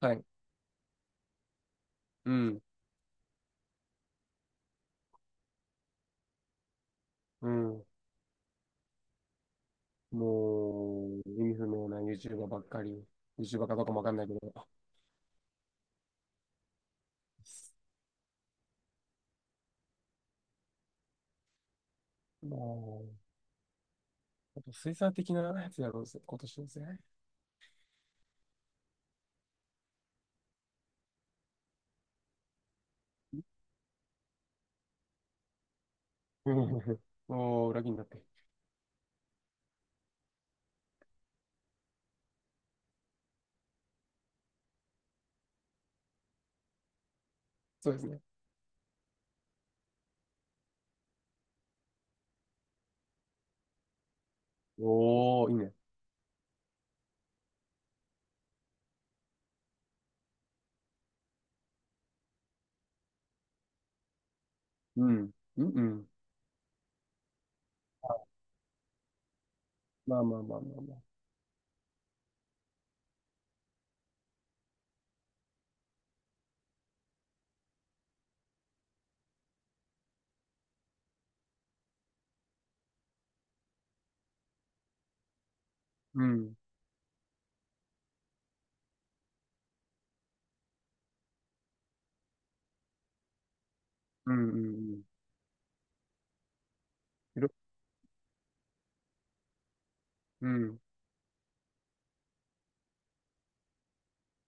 はい。うん。うん。もう、意味不明な YouTuber ばっかり。YouTuber かどうかもわかんないけど。もう、あと水産的なやつやろうぜ、今年のせ。うん。おー、裏切りになって。そうですね。おー、いいね。うん。うん、うん。まあまあまあまあまあ。うん。うん、うん、うん。いろ、うん。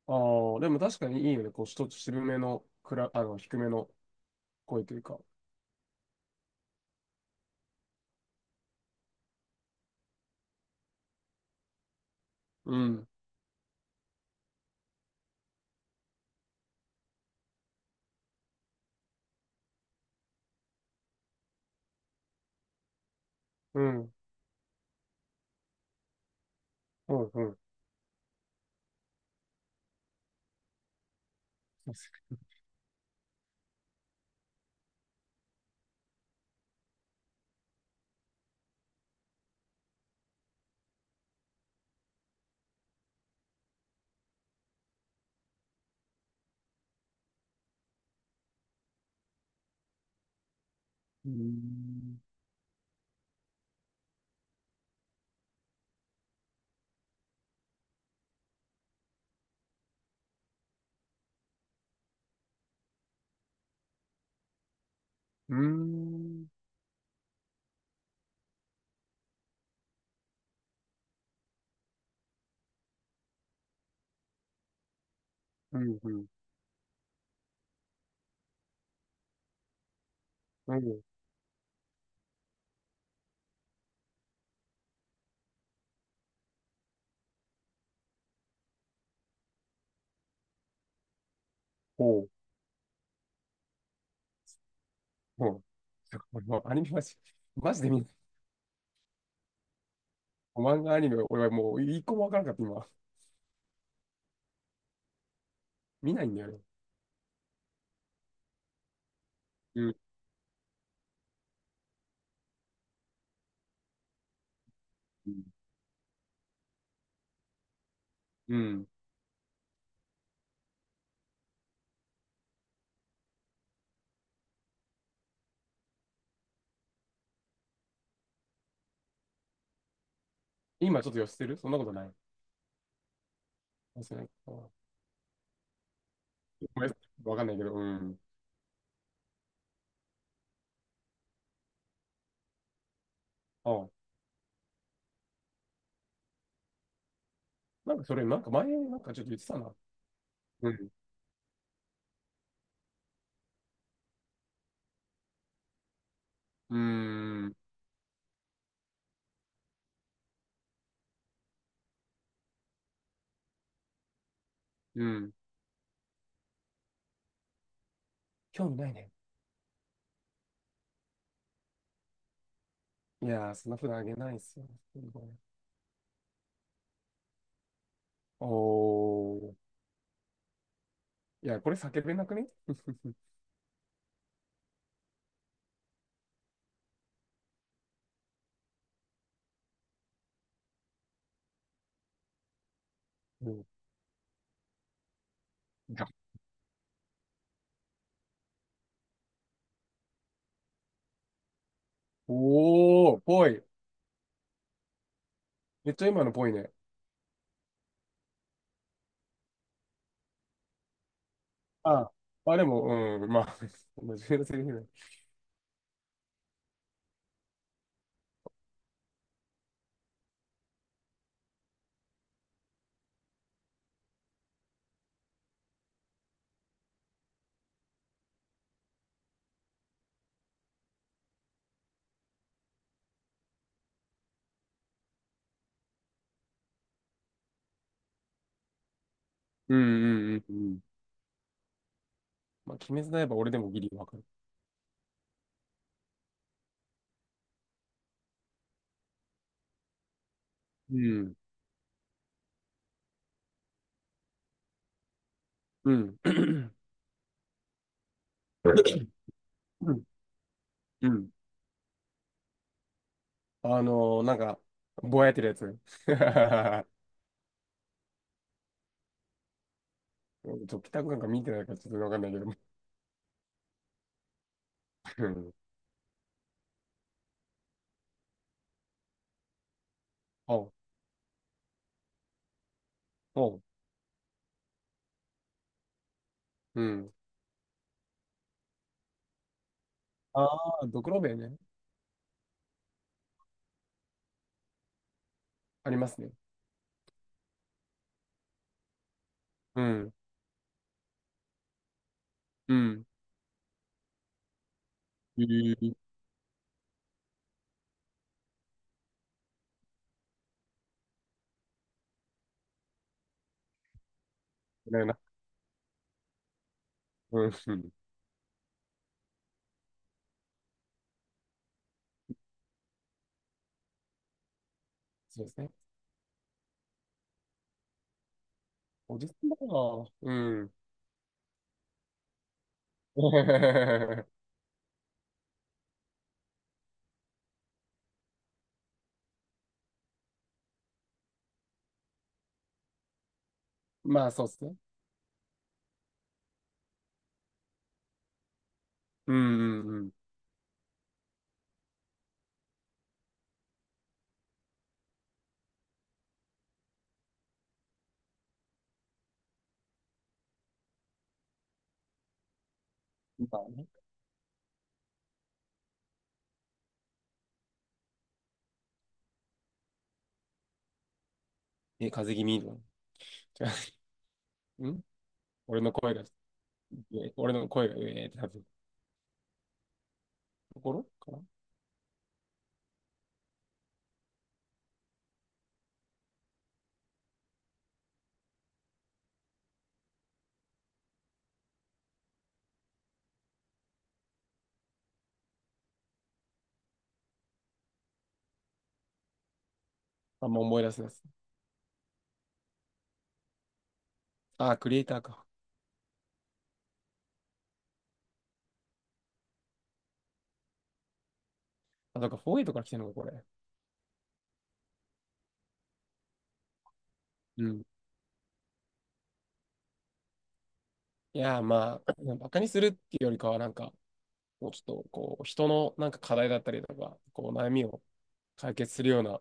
ああ、でも確かにいいよね。こう、一つ渋めの、くら、低めの声というか。うん。うん。うん、うん。そうですね。うーん。うーん。うん、うん、うん。ほう、ほう。もうアニメマジ、マジで見ない。漫画アニメ、俺はもう一個もわからなかった、今。見ないんだよね。うん、うん。うん。今ちょっと寄せてる？そんなことない？寄せないか。あ、ごめん、わかんないけど、うん。あ、なんかそれ、なんか前、なんかちょっと言ってたな。うん。うーん。うん。興味ないね。いやー、そんなふうあげないっすよ。おー。いや、これ叫べなくね？ うん。おー、ぽい。めっちゃ今のぽいね。あ、まあでも、うん、まあ、真面目なセリフだ。うんうんうんうん。まあ、鬼滅の刃、俺でもギリわかる。うん、うん、うん、うん。あのなんか、ぼやってるやつ。うん、ちょっと、北くなんか見てないからちょっとわかんないけど。うん。おう、おう、うん。ああ、ドクロベね。ありますね。うん、うん。えー、ないな。うん、そうですね。おじさんだから。うん。まあ、そうですね。うん、うん、うん。みたいなね。え、風邪気味の。違う。ん、俺の声が、俺の声が、えーってなってるところかな。あんま思い出せないです。あ、クリエイターか。あ、だかフォー 4A とから来てるのか、これ。うん。いやまあ、バカにするっていうよりかは、なんか、もうちょっと、こう、人のなんか課題だったりとか、こう、悩みを解決するような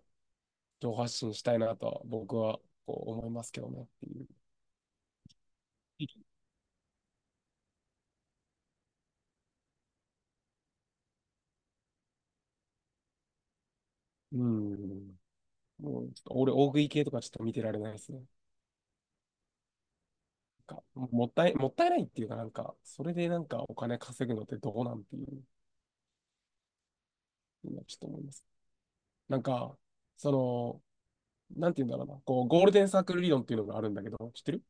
情報発信したいなとは、僕は、こう、思いますけどね。っていう。うん。もう、ちょっと、俺、大食い系とかちょっと見てられないですね。か、もったい、もったいないっていうか、なんか、それでなんかお金稼ぐのってどうなんていう、今ちょっと思います。なんか、その、なんて言うんだろうな、こう、ゴールデンサークル理論っていうのがあるんだけど、知ってる？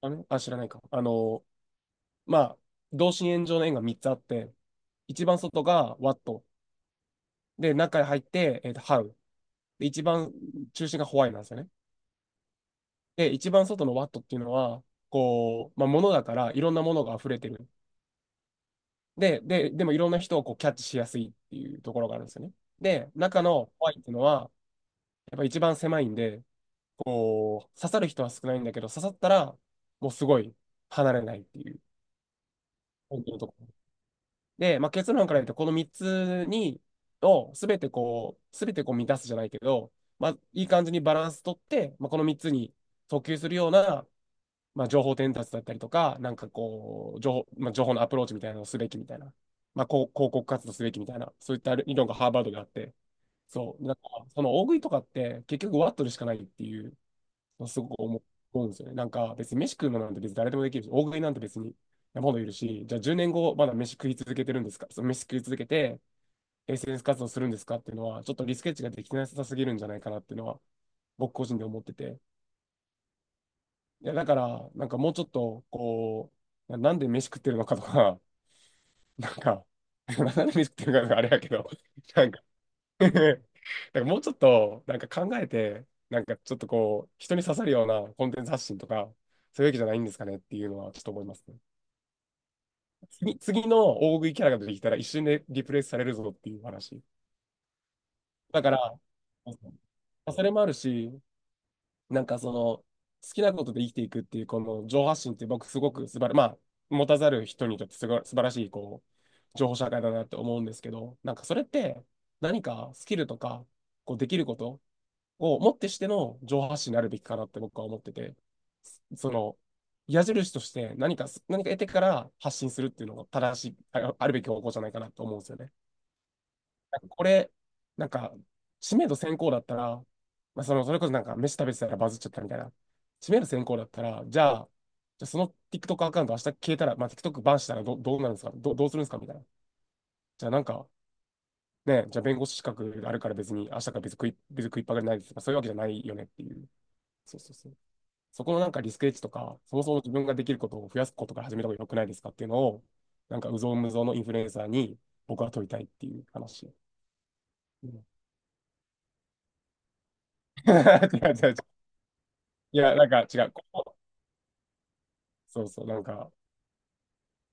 あ、知らないか。まあ、同心円状の円が3つあって、一番外がワット、で、中に入って、ハウ、で、一番中心がホワイなんですよね。で、一番外のワットっていうのは、こう、まあ、物だから、いろんなものが溢れてる。で、でもいろんな人をこうキャッチしやすいっていうところがあるんですよね。で、中のホワイっていうのは、やっぱ一番狭いんで、こう、刺さる人は少ないんだけど、刺さったら、もうすごい離れないっていう、本当のところ。で、まあ、結論から言うと、この3つに、をすべてこう、すべてこう満たすじゃないけど、まあ、いい感じにバランス取って、まあ、この3つに訴求するような、まあ、情報伝達だったりとか、なんかこう、情報、まあ、情報のアプローチみたいなのをすべきみたいな、まあ、こう広告活動すべきみたいな、そういった理論がハーバードであって、そう、なんか、その大食いとかって結局ワットルしかないっていう、すごく思うんですよね。なんか別に飯食うのなんて別に誰でもできるし、大食いなんて別に山ほどいるし、じゃあ10年後まだ飯食い続けてるんですか、その飯食い続けて SNS 活動するんですかっていうのは、ちょっとリスケッチができてなさすぎるんじゃないかなっていうのは、僕個人で思ってて、いや、だから、なんかもうちょっと、こう、なんで飯食ってるのかとか、なんか、なんで飯食ってるのかとかあれやけど、なんか だからもうちょっと、なんか考えて、なんかちょっとこう、人に刺さるようなコンテンツ発信とか、そういうわけじゃないんですかねっていうのはちょっと思いますね。次の大食いキャラが出てきたら一瞬でリプレイスされるぞっていう話。だから、まあそれもあるし、なんかその、好きなことで生きていくっていう、この情報発信って僕すごく素晴ら、まあ、持たざる人にとってすごい素晴らしい、こう、情報社会だなって思うんですけど、なんかそれって何かスキルとか、こうできることをもってしての情報発信になるべきかなって僕は思ってて、その、矢印として何か得てから発信するっていうのが正しい、ああるべき方向じゃないかなと思うんですよね。なんかこれ、なんか、知名度先行だったら、まあ、その、それこそなんか、飯食べてたらバズっちゃったみたいな。知名度先行だったら、じゃあ、じゃあその TikTok アカウント明日消えたら、まあ、TikTok バンしたらどうなるんですかどうするんですかみたいな。じゃあなんか、ね、じゃあ弁護士資格あるから別に、明日から別に食い、別に食いっぱがれないですとか、そういうわけじゃないよねっていう。そうそうそう。そこのなんかリスクエッジとか、そもそも自分ができることを増やすことから始めた方が良くないですかっていうのを、なんか、うぞうむぞうのインフルエンサーに僕は問いたいっていう話。うん。 違う違う違う。 いや、なんか違う。ここ、そうそう、なんか、